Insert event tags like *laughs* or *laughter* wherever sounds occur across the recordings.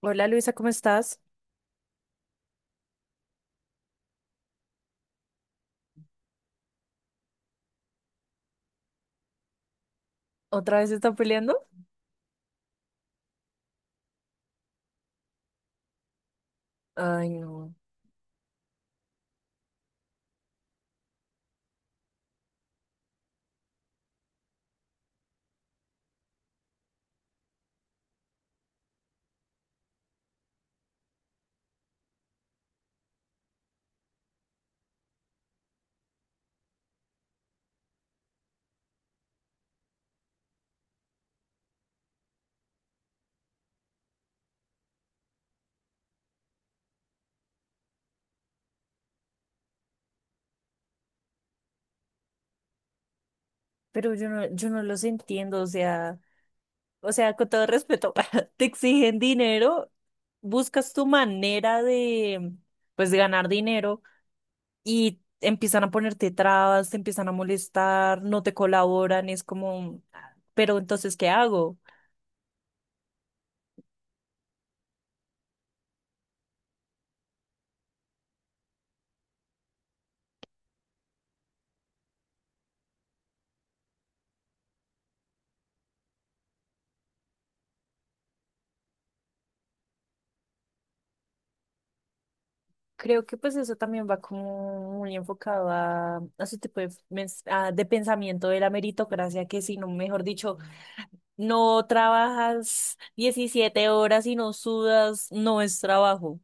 Hola Luisa, ¿cómo estás? ¿Otra vez están peleando? Ay, no. Pero yo no los entiendo, o sea, con todo respeto, *laughs* te exigen dinero, buscas tu manera de, pues, de ganar dinero y empiezan a ponerte trabas, te empiezan a molestar, no te colaboran, es como, "Ah, pero entonces, ¿qué hago? Creo que pues eso también va como muy enfocado a su tipo de, de pensamiento de la meritocracia, que si no, mejor dicho, no trabajas 17 horas y no sudas, no es trabajo.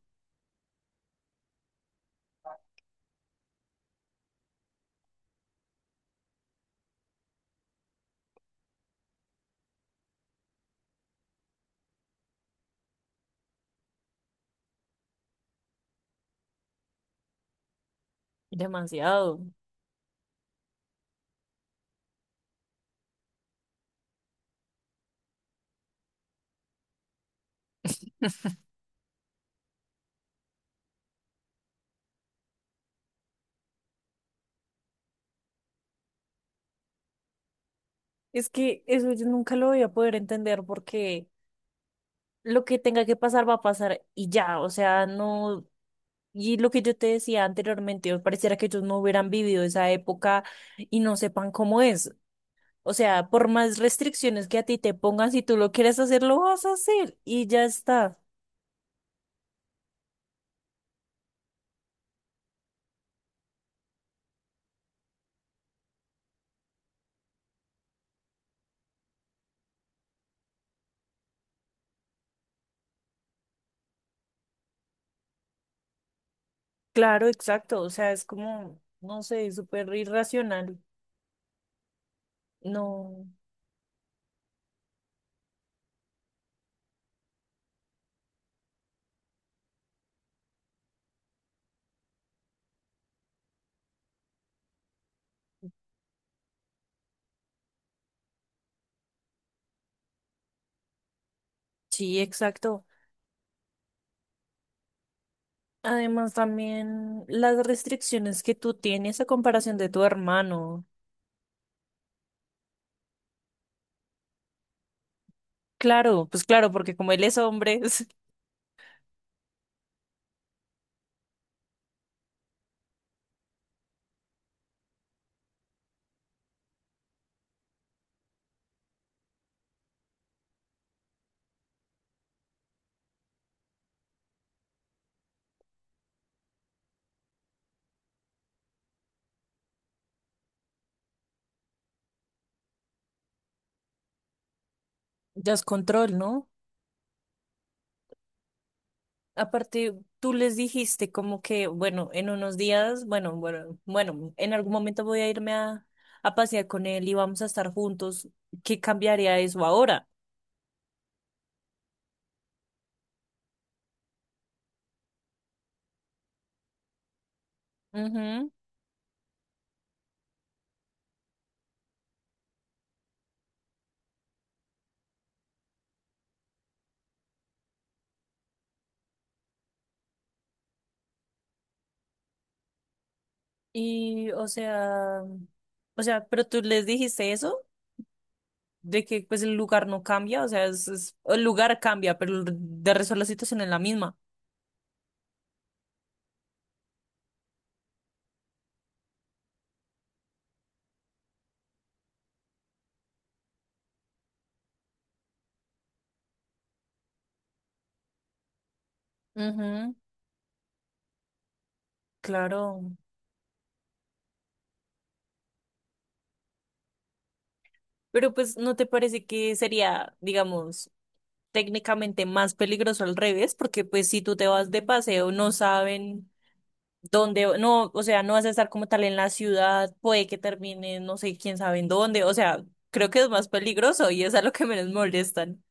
Demasiado. Es que eso yo nunca lo voy a poder entender porque lo que tenga que pasar va a pasar y ya, o sea, no. Y lo que yo te decía anteriormente, pareciera que ellos no hubieran vivido esa época y no sepan cómo es. O sea, por más restricciones que a ti te pongan, si tú lo quieres hacer, lo vas a hacer y ya está. Claro, exacto. O sea, es como, no sé, súper irracional. No. Sí, exacto. Además, también las restricciones que tú tienes a comparación de tu hermano. Claro, pues claro, porque como él es hombre, *laughs* ya es control, ¿no? Aparte, tú les dijiste como que, bueno, en unos días, bueno, en algún momento voy a irme a pasear con él y vamos a estar juntos. ¿Qué cambiaría eso ahora? Ujú. Y, o sea, pero tú les dijiste eso, de que pues el lugar no cambia, o sea, el lugar cambia, pero el de resto la situación es la misma. Ujú. Claro. Pero pues ¿no te parece que sería, digamos, técnicamente más peligroso al revés? Porque pues si tú te vas de paseo, no saben dónde, no, o sea, no vas a estar como tal en la ciudad, puede que termine, no sé quién sabe en dónde, o sea, creo que es más peligroso y es a lo que menos molestan.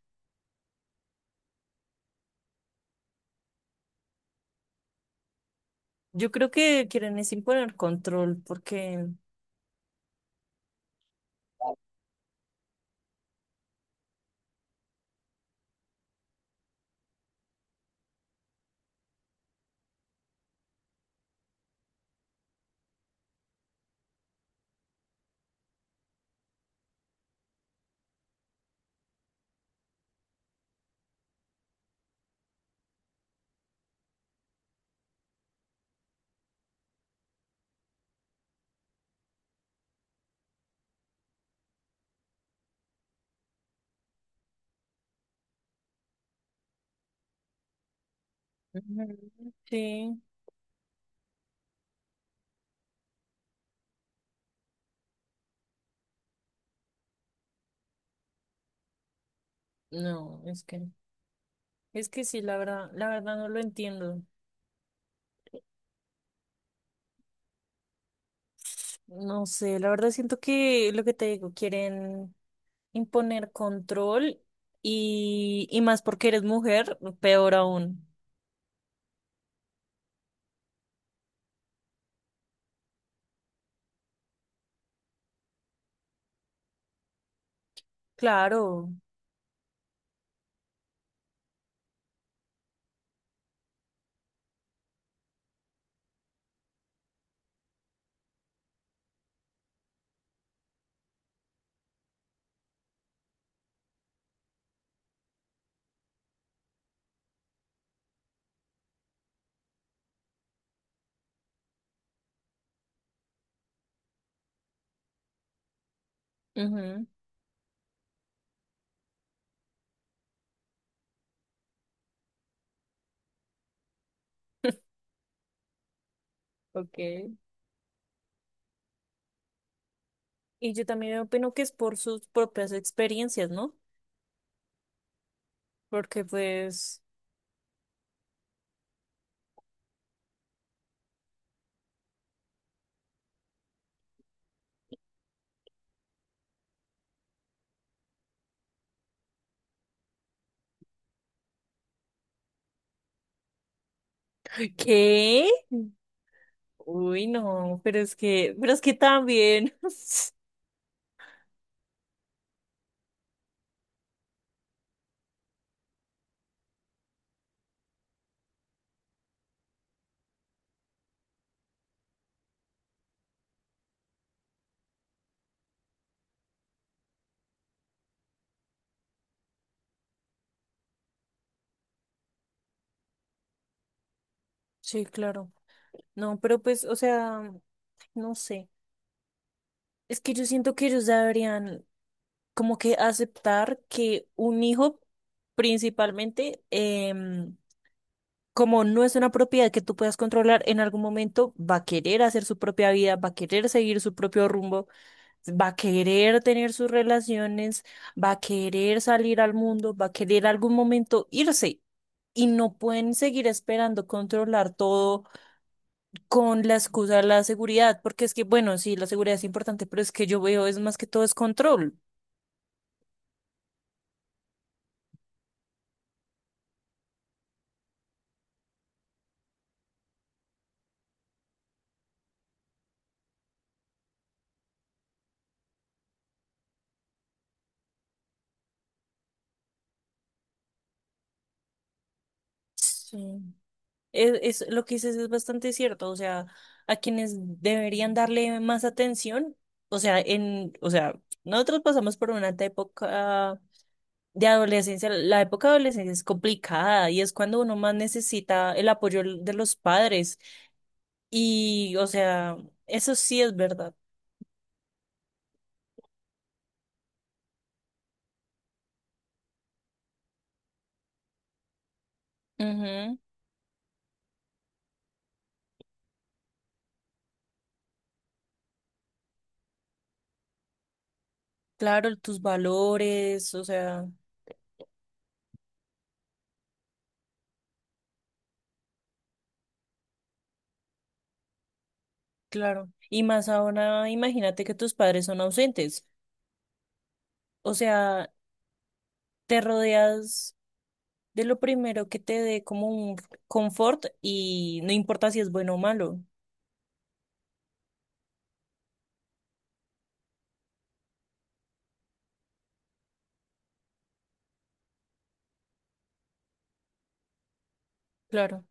Yo creo que quieren es imponer control porque... Ujú. Sí. No, es que sí, la verdad no lo entiendo. No sé, la verdad siento que lo que te digo, quieren imponer control y más porque eres mujer, peor aún. Claro. Ujú. *laughs* Okay. Y yo también opino que es por sus propias experiencias, ¿no? Porque pues, ¿qué? Uy, no, pero es que también. *laughs* Sí, claro. No, pero pues, o sea, no sé. Es que yo siento que ellos deberían como que aceptar que un hijo principalmente, em, como no es una propiedad que tú puedas controlar, en algún momento va a querer hacer su propia vida, va a querer seguir su propio rumbo, va a querer tener sus relaciones, va a querer salir al mundo, va a querer algún momento irse. Y no pueden seguir esperando controlar todo con la excusa de la seguridad, porque es que, bueno, sí, la seguridad es importante, pero es que yo veo es más que todo es control. Sí. Lo que dices es bastante cierto, o sea, a quienes deberían darle más atención, o sea, en, o sea, nosotros pasamos por una época de adolescencia, la época de adolescencia es complicada y es cuando uno más necesita el apoyo de los padres y, o sea, eso sí es verdad. Ujú. Claro, tus valores, o sea, claro. Y más ahora, imagínate que tus padres son ausentes, o sea, te rodeas de lo primero que te dé como un confort y no importa si es bueno o malo. Claro,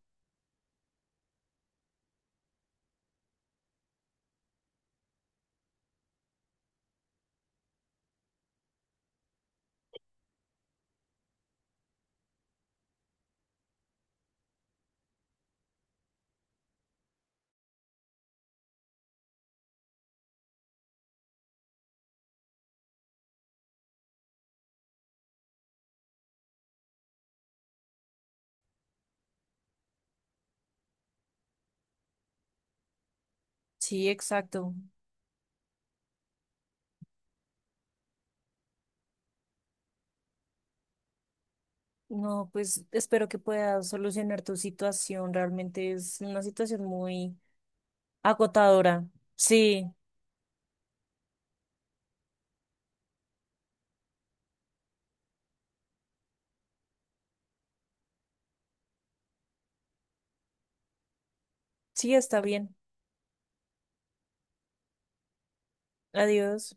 sí, exacto. No, pues espero que puedas solucionar tu situación. Realmente es una situación muy agotadora. Sí, sí, está bien. Adiós.